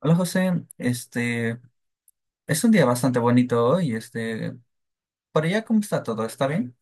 Hola José, es un día bastante bonito hoy, por allá, ¿cómo está todo? ¿Está bien?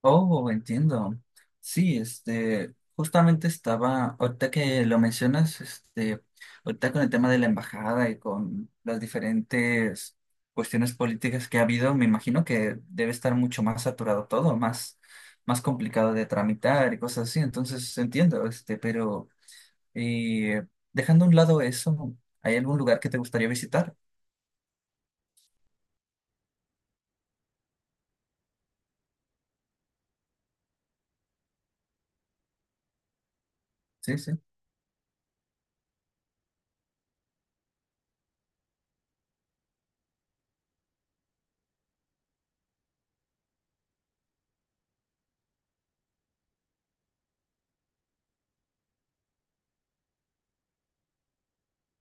Oh, entiendo. Sí, justamente ahorita que lo mencionas, ahorita con el tema de la embajada y con las diferentes cuestiones políticas que ha habido, me imagino que debe estar mucho más saturado todo, más complicado de tramitar y cosas así. Entonces entiendo, pero eh, dejando a un lado eso, ¿hay algún lugar que te gustaría visitar? Sí, sí.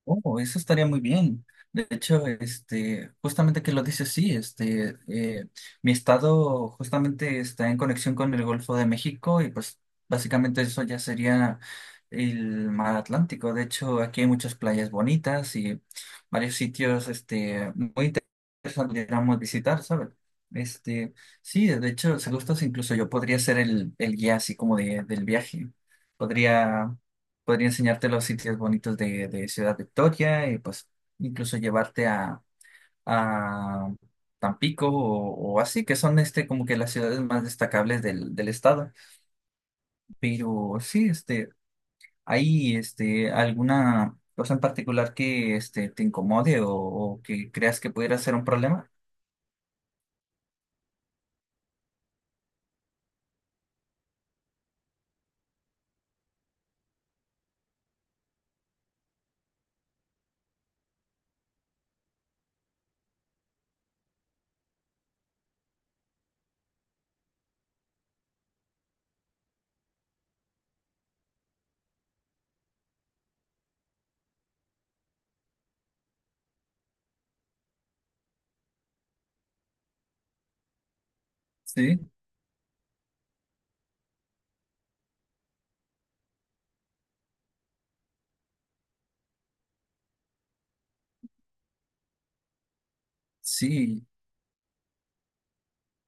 Oh, eso estaría muy bien. De hecho, justamente que lo dices, sí, mi estado justamente está en conexión con el Golfo de México y pues básicamente eso ya sería el mar Atlántico. De hecho, aquí hay muchas playas bonitas y varios sitios, saliéramos a visitar, ¿sabes? Este, sí, de hecho, si gustas, incluso yo podría ser el guía, así como del viaje. Podría, podría enseñarte los sitios bonitos de Ciudad Victoria y pues incluso llevarte a Tampico o así, que son como que las ciudades más destacables del estado. Pero sí, ¿hay alguna cosa en particular que te incomode o que creas que pudiera ser un problema? Sí, sí.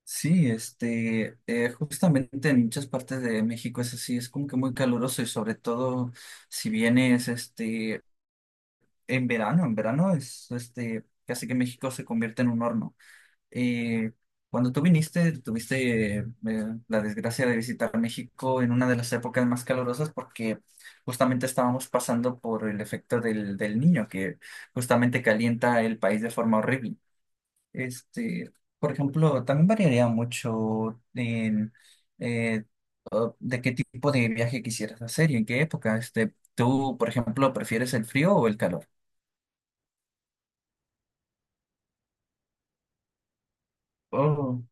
Sí, justamente en muchas partes de México es así, es como que muy caluroso, y sobre todo si vienes, en verano es, casi que México se convierte en un horno. Eh, Cuando tú viniste, tuviste la desgracia de visitar México en una de las épocas más calurosas, porque justamente estábamos pasando por el efecto del niño, que justamente calienta el país de forma horrible. Este, por ejemplo, también variaría mucho en eh, de qué tipo de viaje quisieras hacer y en qué época. Tú, por ejemplo, ¿prefieres el frío o el calor? Oh,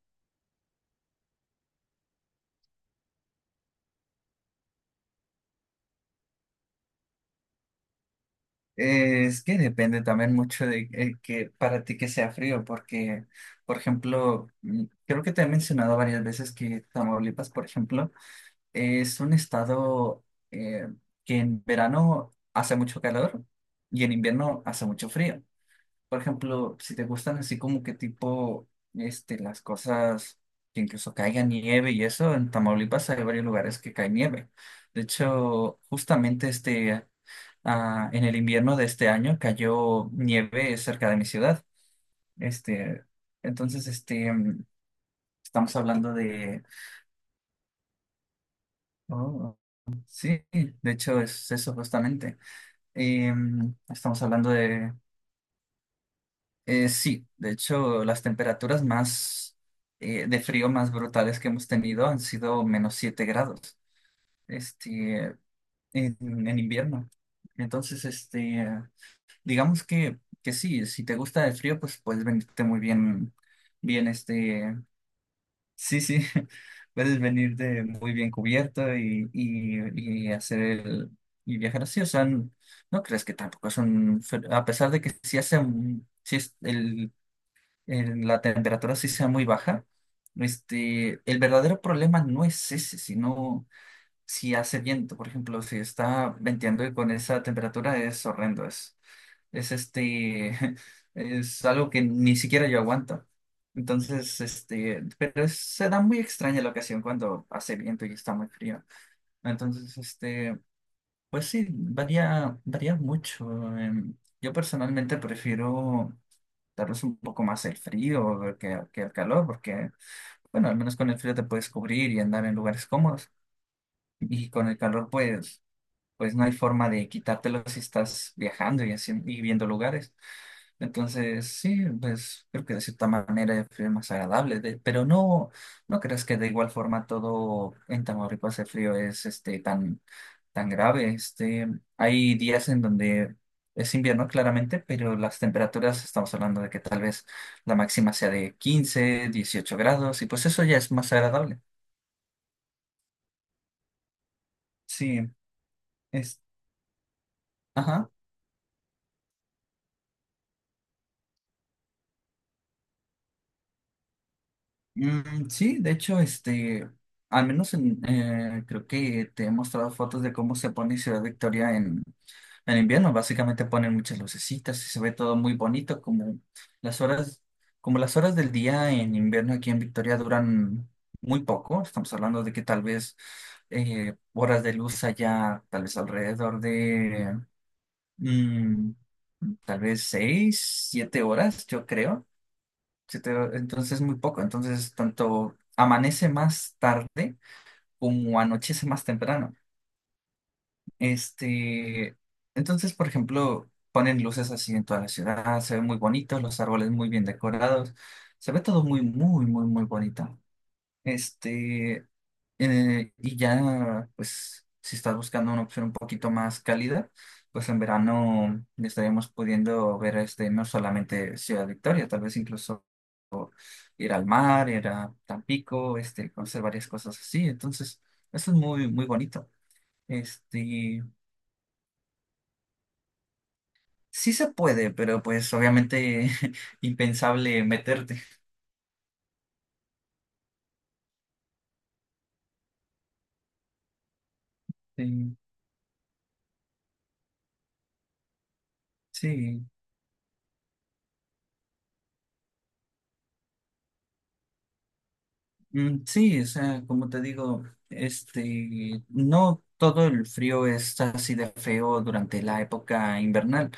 es que depende también mucho de que para ti que sea frío, porque, por ejemplo, creo que te he mencionado varias veces que Tamaulipas, por ejemplo, es un estado eh, que en verano hace mucho calor y en invierno hace mucho frío. Por ejemplo, si te gustan así como que tipo, las cosas que incluso caiga nieve y eso, en Tamaulipas hay varios lugares que cae nieve. De hecho, justamente en el invierno de este año cayó nieve cerca de mi ciudad. Este, entonces, estamos hablando de, oh, sí, de hecho es eso justamente. Estamos hablando de. Sí, de hecho, las temperaturas más de frío más brutales que hemos tenido han sido menos 7 grados, este, en invierno. Entonces, digamos que sí, si te gusta el frío, pues puedes venirte muy bien, bien, este, sí, sí, puedes venirte muy bien cubierto, y y viajar así. O sea, no crees que tampoco es un, a pesar de que sí hace un, sí es el, en la temperatura sí sea muy baja. El verdadero problema no es ese, sino si hace viento. Por ejemplo, si está venteando y con esa temperatura es horrendo, es este, es algo que ni siquiera yo aguanto. Entonces, pero se da muy extraña la ocasión cuando hace viento y está muy frío. Entonces, pues sí, varía mucho. em, Yo personalmente prefiero tal vez un poco más el frío que el calor, porque, bueno, al menos con el frío te puedes cubrir y andar en lugares cómodos. Y con el calor, pues no hay forma de quitártelo si estás viajando y, haciendo, y viendo lugares. Entonces, sí, pues creo que de cierta manera fue más agradable, pero no, no creas que de igual forma todo en Tamaulipas el frío es tan, tan grave. Hay días en donde es invierno claramente, pero las temperaturas, estamos hablando de que tal vez la máxima sea de 15-18 grados, y pues eso ya es más agradable. Sí, es, ajá. Mm, sí, de hecho, al menos creo que te he mostrado fotos de cómo se pone Ciudad Victoria en invierno. Básicamente ponen muchas lucecitas y se ve todo muy bonito, como las horas, del día en invierno aquí en Victoria duran muy poco. Estamos hablando de que tal vez horas de luz allá, tal vez alrededor de mm, tal vez 6, 7 horas, yo creo. se te- entonces es muy poco, entonces tanto amanece más tarde como anochece más temprano. Este, entonces, por ejemplo, ponen luces así en toda la ciudad, se ve muy bonito, los árboles muy bien decorados, se ve todo muy, muy, muy, muy bonito. Este, y ya, pues, si estás buscando una opción un poquito más cálida, pues en verano estaríamos pudiendo ver no solamente Ciudad Victoria, tal vez incluso ir al mar, ir a Tampico, conocer varias cosas así. Entonces, eso es muy, muy bonito. Este, sí se puede, pero pues obviamente impensable meterte. Sí, sí. Mm, sí, o sea, como te digo, no todo el frío es así de feo durante la época invernal.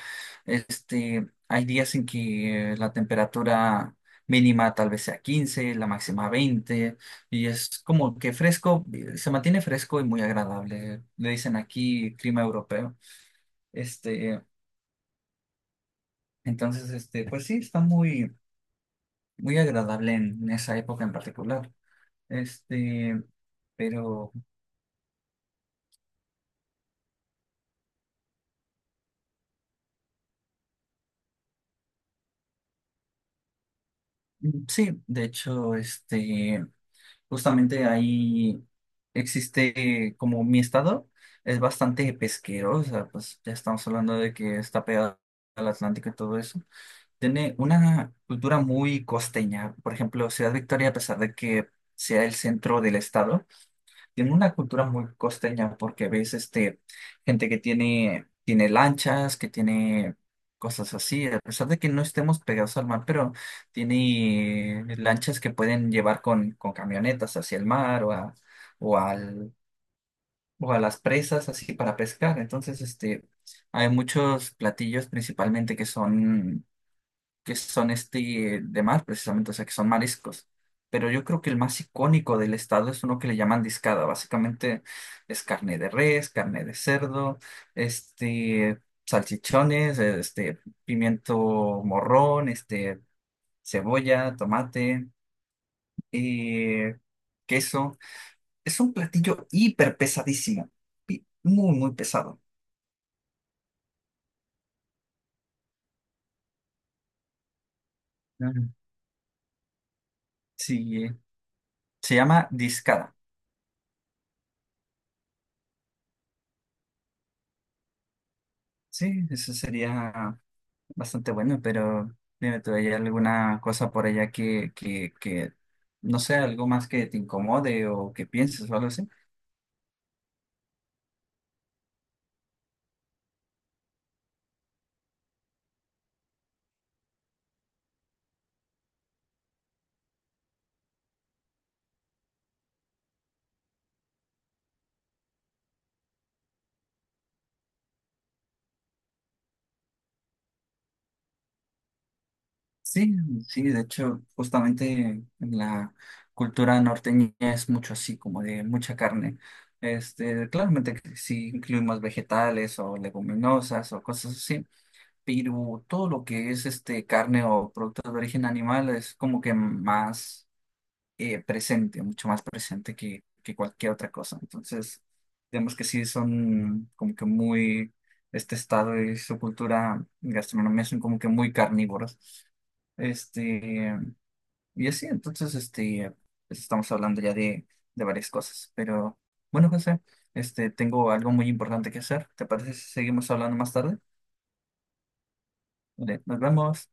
Hay días en que la temperatura mínima tal vez sea 15, la máxima 20, y es como que fresco, se mantiene fresco y muy agradable. Le dicen aquí clima europeo. Este, entonces, pues sí, está muy, muy agradable en esa época en particular. Este, pero mm, sí, de hecho, justamente ahí existe, como mi estado es bastante pesquero. O sea, pues ya estamos hablando de que está pegado al Atlántico y todo eso. Tiene una cultura muy costeña. Por ejemplo, Ciudad Victoria, a pesar de que sea el centro del estado, tiene una cultura muy costeña porque ves gente que tiene lanchas, que tiene cosas así, a pesar de que no estemos pegados al mar, pero tiene lanchas que pueden llevar con camionetas hacia el mar o a, o al, o a las presas así para pescar. Entonces, hay muchos platillos principalmente que son de mar, precisamente, o sea, que son mariscos. Pero yo creo que el más icónico del estado es uno que le llaman discada. Básicamente es carne de res, carne de cerdo, este, salchichones, pimiento morrón, cebolla, tomate y queso. Es un platillo hiper pesadísimo, muy, muy pesado. Claro. Sí, se llama discada. Sí, eso sería bastante bueno, pero dime tú, ¿hay alguna cosa por allá que, no sé, algo más que te incomode o que pienses o algo así? Sí, sí, de hecho, justamente en la cultura norteña es mucho así, como de mucha carne. Claramente que sí incluimos vegetales o leguminosas o cosas así, pero todo lo que es carne o productos de origen animal es como que más presente, mucho más presente que cualquier otra cosa. Entonces, digamos que sí son como que este estado y su cultura gastronómica son como que muy carnívoros. Este, y así, entonces, pues estamos hablando ya de varias cosas. Pero bueno, José, tengo algo muy importante que hacer. ¿Te parece si seguimos hablando más tarde? Vale, nos vemos.